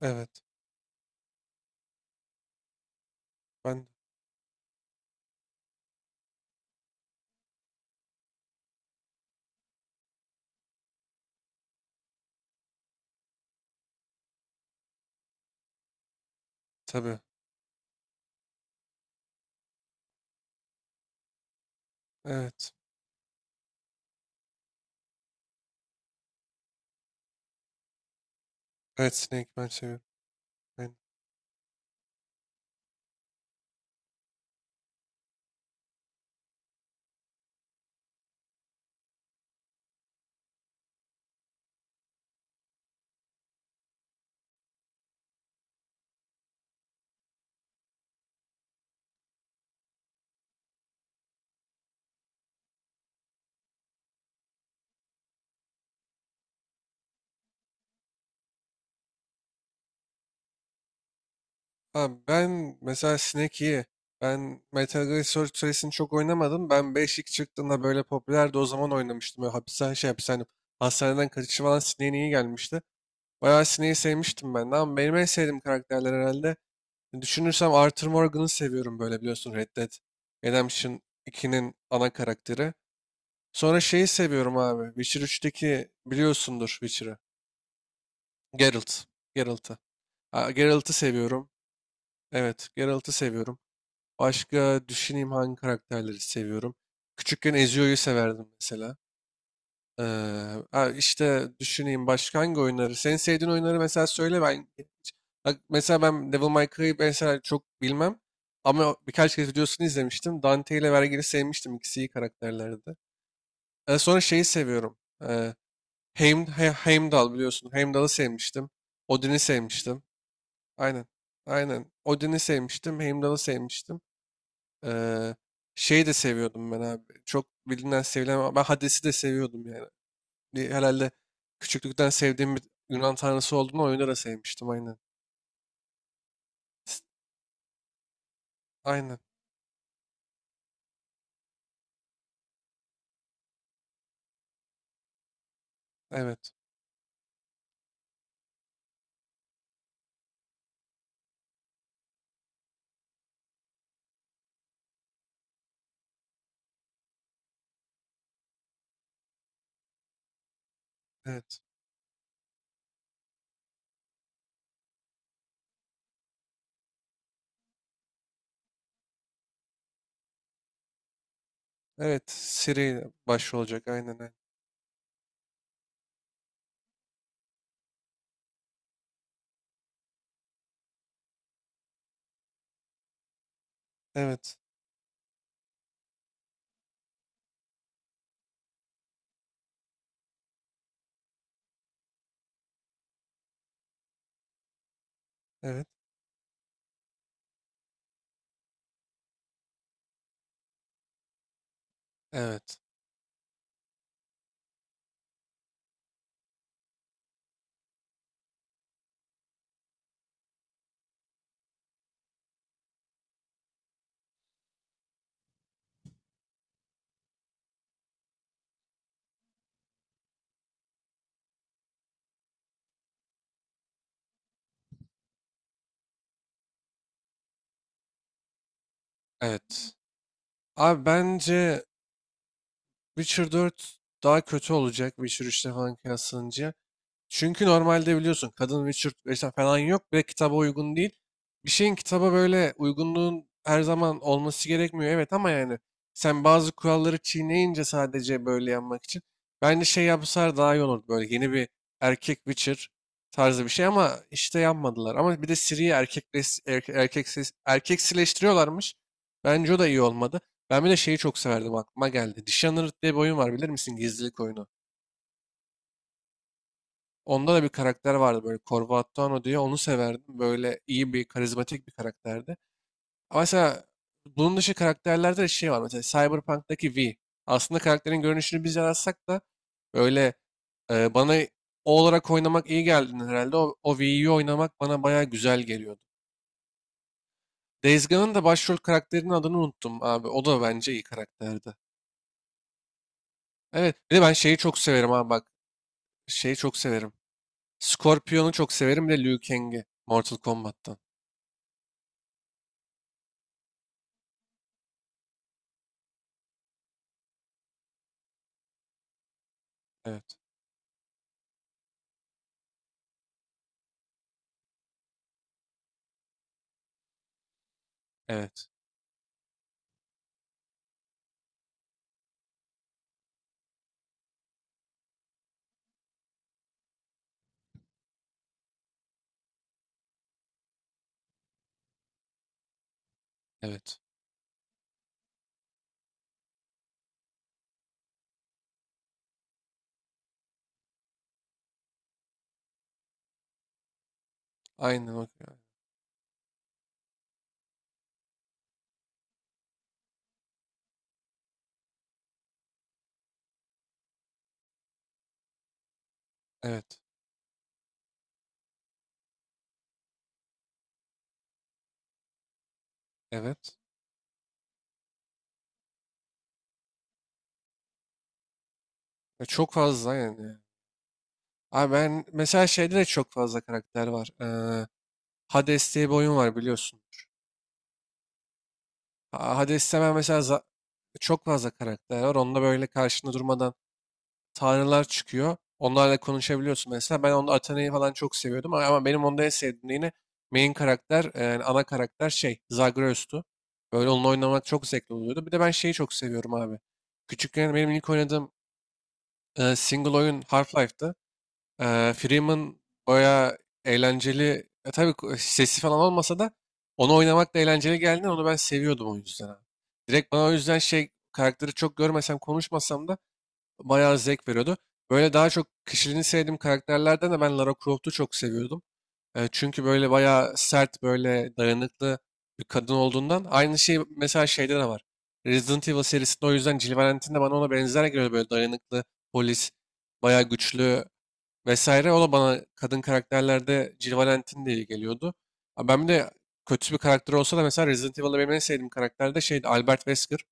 Evet. Ben tabii. Evet. Evet, Snake ben seviyorum. Ben, abi ben mesela Snake iyi. Ben Metal Gear Solid serisini çok oynamadım. Ben 5 ilk çıktığında böyle popülerdi, o zaman oynamıştım. Böyle hapishane. Hastaneden kaçışı falan Snake'in iyi gelmişti. Bayağı Snake'i sevmiştim ben de. Ama benim en sevdiğim karakterler herhalde. Düşünürsem Arthur Morgan'ı seviyorum, böyle biliyorsun, Red Dead Redemption 2'nin ana karakteri. Sonra şeyi seviyorum abi. Witcher üçteki, biliyorsundur Witcher'ı. Geralt. Geralt'ı. Ha, Geralt'ı seviyorum. Evet, Geralt'ı seviyorum. Başka düşüneyim hangi karakterleri seviyorum. Küçükken Ezio'yu severdim mesela. Ee, ha, işte düşüneyim başka hangi oyunları. Senin sevdiğin oyunları mesela söyle ben. Bak, mesela ben Devil May Cry'ı mesela çok bilmem. Ama birkaç kez videosunu izlemiştim. Dante ile Vergil'i sevmiştim. İkisi iyi karakterlerdi. Sonra şeyi seviyorum. Heimdall biliyorsun. Heimdall'ı sevmiştim. Odin'i sevmiştim. Aynen. Aynen. Odin'i sevmiştim. Heimdall'ı sevmiştim. Ee, Şeyi de seviyordum ben abi. Çok bilinen sevilen, ama ben Hades'i de seviyordum yani. Herhalde küçüklükten sevdiğim bir Yunan tanrısı olduğunu oyunda da sevmiştim. Aynen. S- Aynen. Evet. Evet. Evet. Siri baş olacak. Aynen, aynen. Evet. Evet. Evet. Evet. Abi, bence Witcher 4 daha kötü olacak Witcher 3'te falan kıyaslanınca. Çünkü normalde biliyorsun, kadın Witcher vesaire falan yok. Bir de kitaba uygun değil. Bir şeyin kitaba böyle uygunluğun her zaman olması gerekmiyor, evet, ama yani sen bazı kuralları çiğneyince sadece böyle yanmak için. Bence şey yapsalar daha iyi olur. Böyle yeni bir erkek Witcher tarzı bir şey, ama işte yapmadılar. Ama bir de Ciri'yi erkek, erkek, erkeksileştiriyorlarmış. Bence o da iyi olmadı. Ben bir de şeyi çok severdim, aklıma geldi. Dishonored diye bir oyun var, bilir misin? Gizlilik oyunu. Onda da bir karakter vardı böyle, Corvatano diye. Onu severdim. Böyle iyi bir, karizmatik bir karakterdi. Ama mesela bunun dışı karakterlerde de şey var. Mesela Cyberpunk'taki V. Aslında karakterin görünüşünü biz yaratsak da böyle, bana o olarak oynamak iyi geldi herhalde. O V'yi oynamak bana baya güzel geliyordu. Days Gone'ın da başrol karakterinin adını unuttum abi. O da bence iyi karakterdi. Evet. Bir de ben şeyi çok severim abi, bak. Şeyi çok severim. Scorpion'u çok severim. Bir de Liu Kang'i. Mortal Kombat'tan. Evet. Evet. Evet. Aynen o. Evet. Evet. Ya çok fazla yani. Abi, ben mesela şeyde de çok fazla karakter var. Hades diye bir oyun var, biliyorsundur. Hades'te ben mesela çok fazla karakter var. Onda böyle karşında durmadan tanrılar çıkıyor. Onlarla konuşabiliyorsun mesela. Ben onda Athena'yı falan çok seviyordum. Ama benim onda en sevdiğim yine main karakter, yani ana karakter, şey, Zagreus'tu. Böyle onunla oynamak çok zevkli oluyordu. Bir de ben şeyi çok seviyorum abi. Küçükken benim ilk oynadığım, single oyun Half-Life'dı. Freeman baya eğlenceli. Ya tabii sesi falan olmasa da onu oynamak da eğlenceli geldi. Onu ben seviyordum o yüzden abi. Direkt bana o yüzden şey karakteri çok görmesem konuşmasam da bayağı zevk veriyordu. Böyle daha çok kişiliğini sevdiğim karakterlerden de ben Lara Croft'u çok seviyordum. Çünkü böyle bayağı sert, böyle dayanıklı bir kadın olduğundan. Aynı şey mesela şeyde de var. Resident Evil serisinde o yüzden Jill Valentine de bana ona benzer geliyor. Böyle dayanıklı, polis, bayağı güçlü vesaire. O da bana kadın karakterlerde Jill Valentine diye geliyordu. Ha, ben bir de kötü bir karakter olsa da, mesela Resident Evil'da benim en sevdiğim karakter de şeydi, Albert Wesker.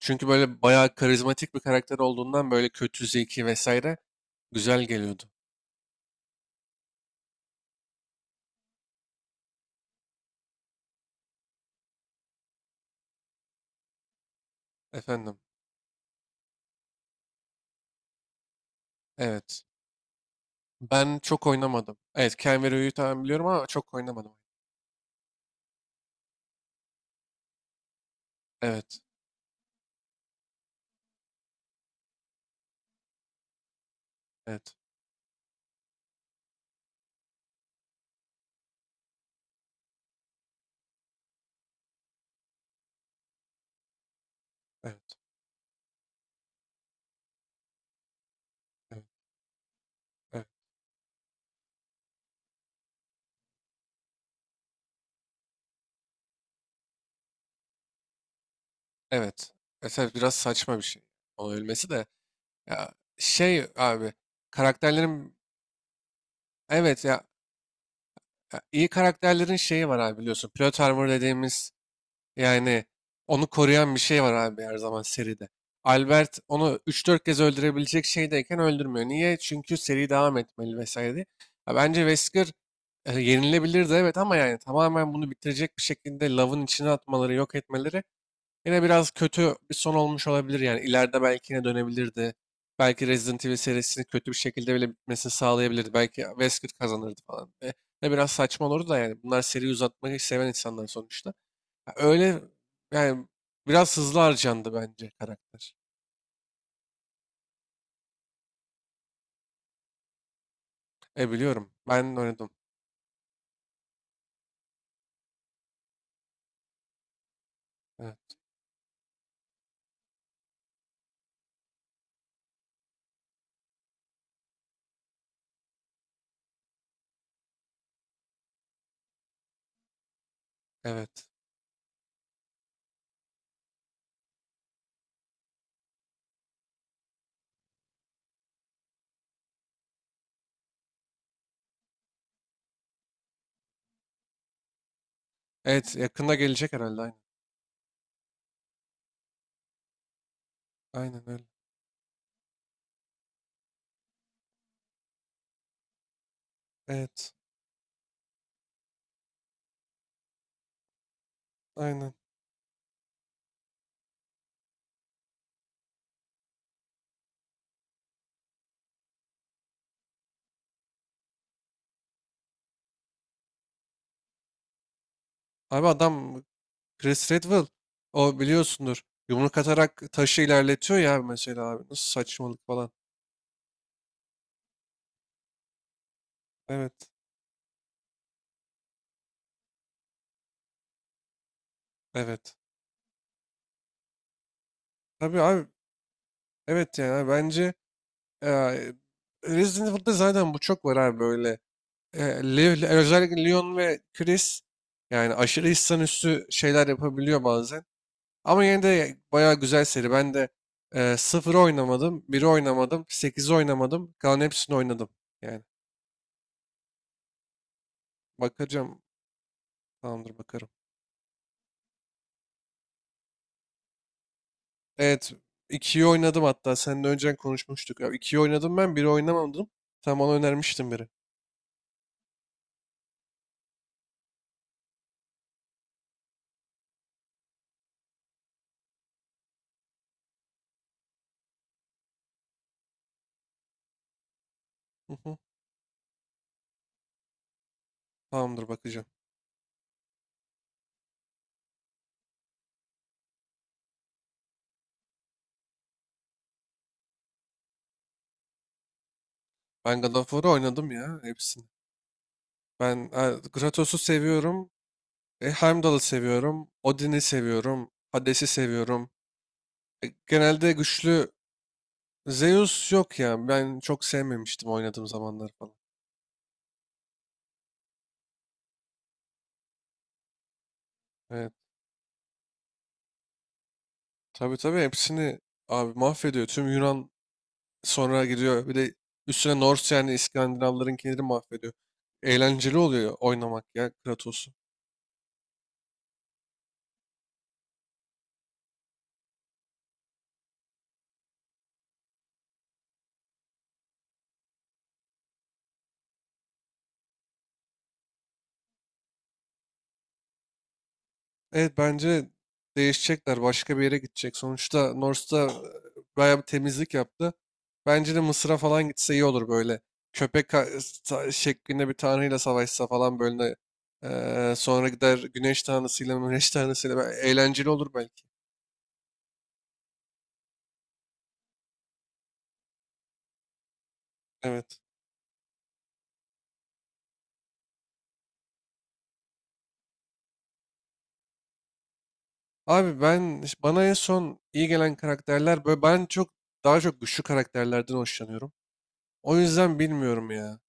Çünkü böyle bayağı karizmatik bir karakter olduğundan, böyle kötü, zeki vesaire, güzel geliyordu. Efendim. Evet. Ben çok oynamadım. Evet, Ken ve Ryu'yu tamam biliyorum, ama çok oynamadım. Evet. Evet. Evet. Evet. Evet. Evet. Mesela biraz saçma bir şey. Onun ölmesi de. Ya, şey abi. Karakterlerin, evet ya, ya iyi karakterlerin şeyi var abi, biliyorsun. Plot armor dediğimiz. Yani onu koruyan bir şey var abi, her zaman seride. Albert onu üç dört kez öldürebilecek şeydeyken öldürmüyor. Niye? Çünkü seri devam etmeli vesaire diye. Ya bence Wesker, yenilebilirdi, evet, ama yani tamamen bunu bitirecek bir şekilde Love'ın içine atmaları, yok etmeleri yine biraz kötü bir son olmuş olabilir. Yani ileride belki yine dönebilirdi. Belki Resident Evil serisini kötü bir şekilde bile bitmesini sağlayabilirdi. Belki Wesker kazanırdı falan. Ne biraz saçma olurdu da, yani bunlar seri uzatmayı seven insanlar sonuçta. Öyle yani, biraz hızlı harcandı bence karakter. E, biliyorum. Ben oynadım. Evet. Evet. Evet, yakında gelecek herhalde, aynen. Aynen öyle. Evet. Aynen. Abi, adam Chris Redwell, o biliyorsundur. Yumruk atarak taşı ilerletiyor ya mesela abi. Nasıl saçmalık falan. Evet. Evet. Tabii abi. Evet yani abi, bence e, Resident Evil'da zaten bu çok var abi, böyle. Özellikle Leon ve Chris, yani aşırı hissan üstü şeyler yapabiliyor bazen. Ama yine de bayağı güzel seri. Ben de sıfırı oynamadım, biri oynamadım, sekizi oynamadım. Kalan hepsini oynadım. Yani bakacağım. Tamamdır, bakarım. Evet. ikiyi oynadım hatta. Seninle önceden konuşmuştuk. Ya 2'yi oynadım ben, biri oynamadım. Tam ona önermiştin, biri. Hı hı. Tamamdır, bakacağım. Ben God of War'ı oynadım ya, hepsini. Ben Kratos'u seviyorum. Heimdall'ı seviyorum. Odin'i seviyorum. Hades'i seviyorum. Genelde güçlü. Zeus yok ya. Ben çok sevmemiştim oynadığım zamanlar falan. Evet. Tabii tabii, hepsini abi mahvediyor. Tüm Yunan, sonra gidiyor. Bir de üstüne Norse, yani İskandinavların, kendini mahvediyor. Eğlenceli oluyor oynamak ya Kratos'u. Evet, bence değişecekler. Başka bir yere gidecek. Sonuçta North'ta bayağı bir temizlik yaptı. Bence de Mısır'a falan gitse iyi olur böyle. Şeklinde bir tanrıyla savaşsa falan böyle. Sonra gider güneş tanrısıyla. Eğlenceli olur belki. Evet. Abi, ben, bana en son iyi gelen karakterler böyle, ben çok daha çok güçlü karakterlerden hoşlanıyorum. O yüzden bilmiyorum ya.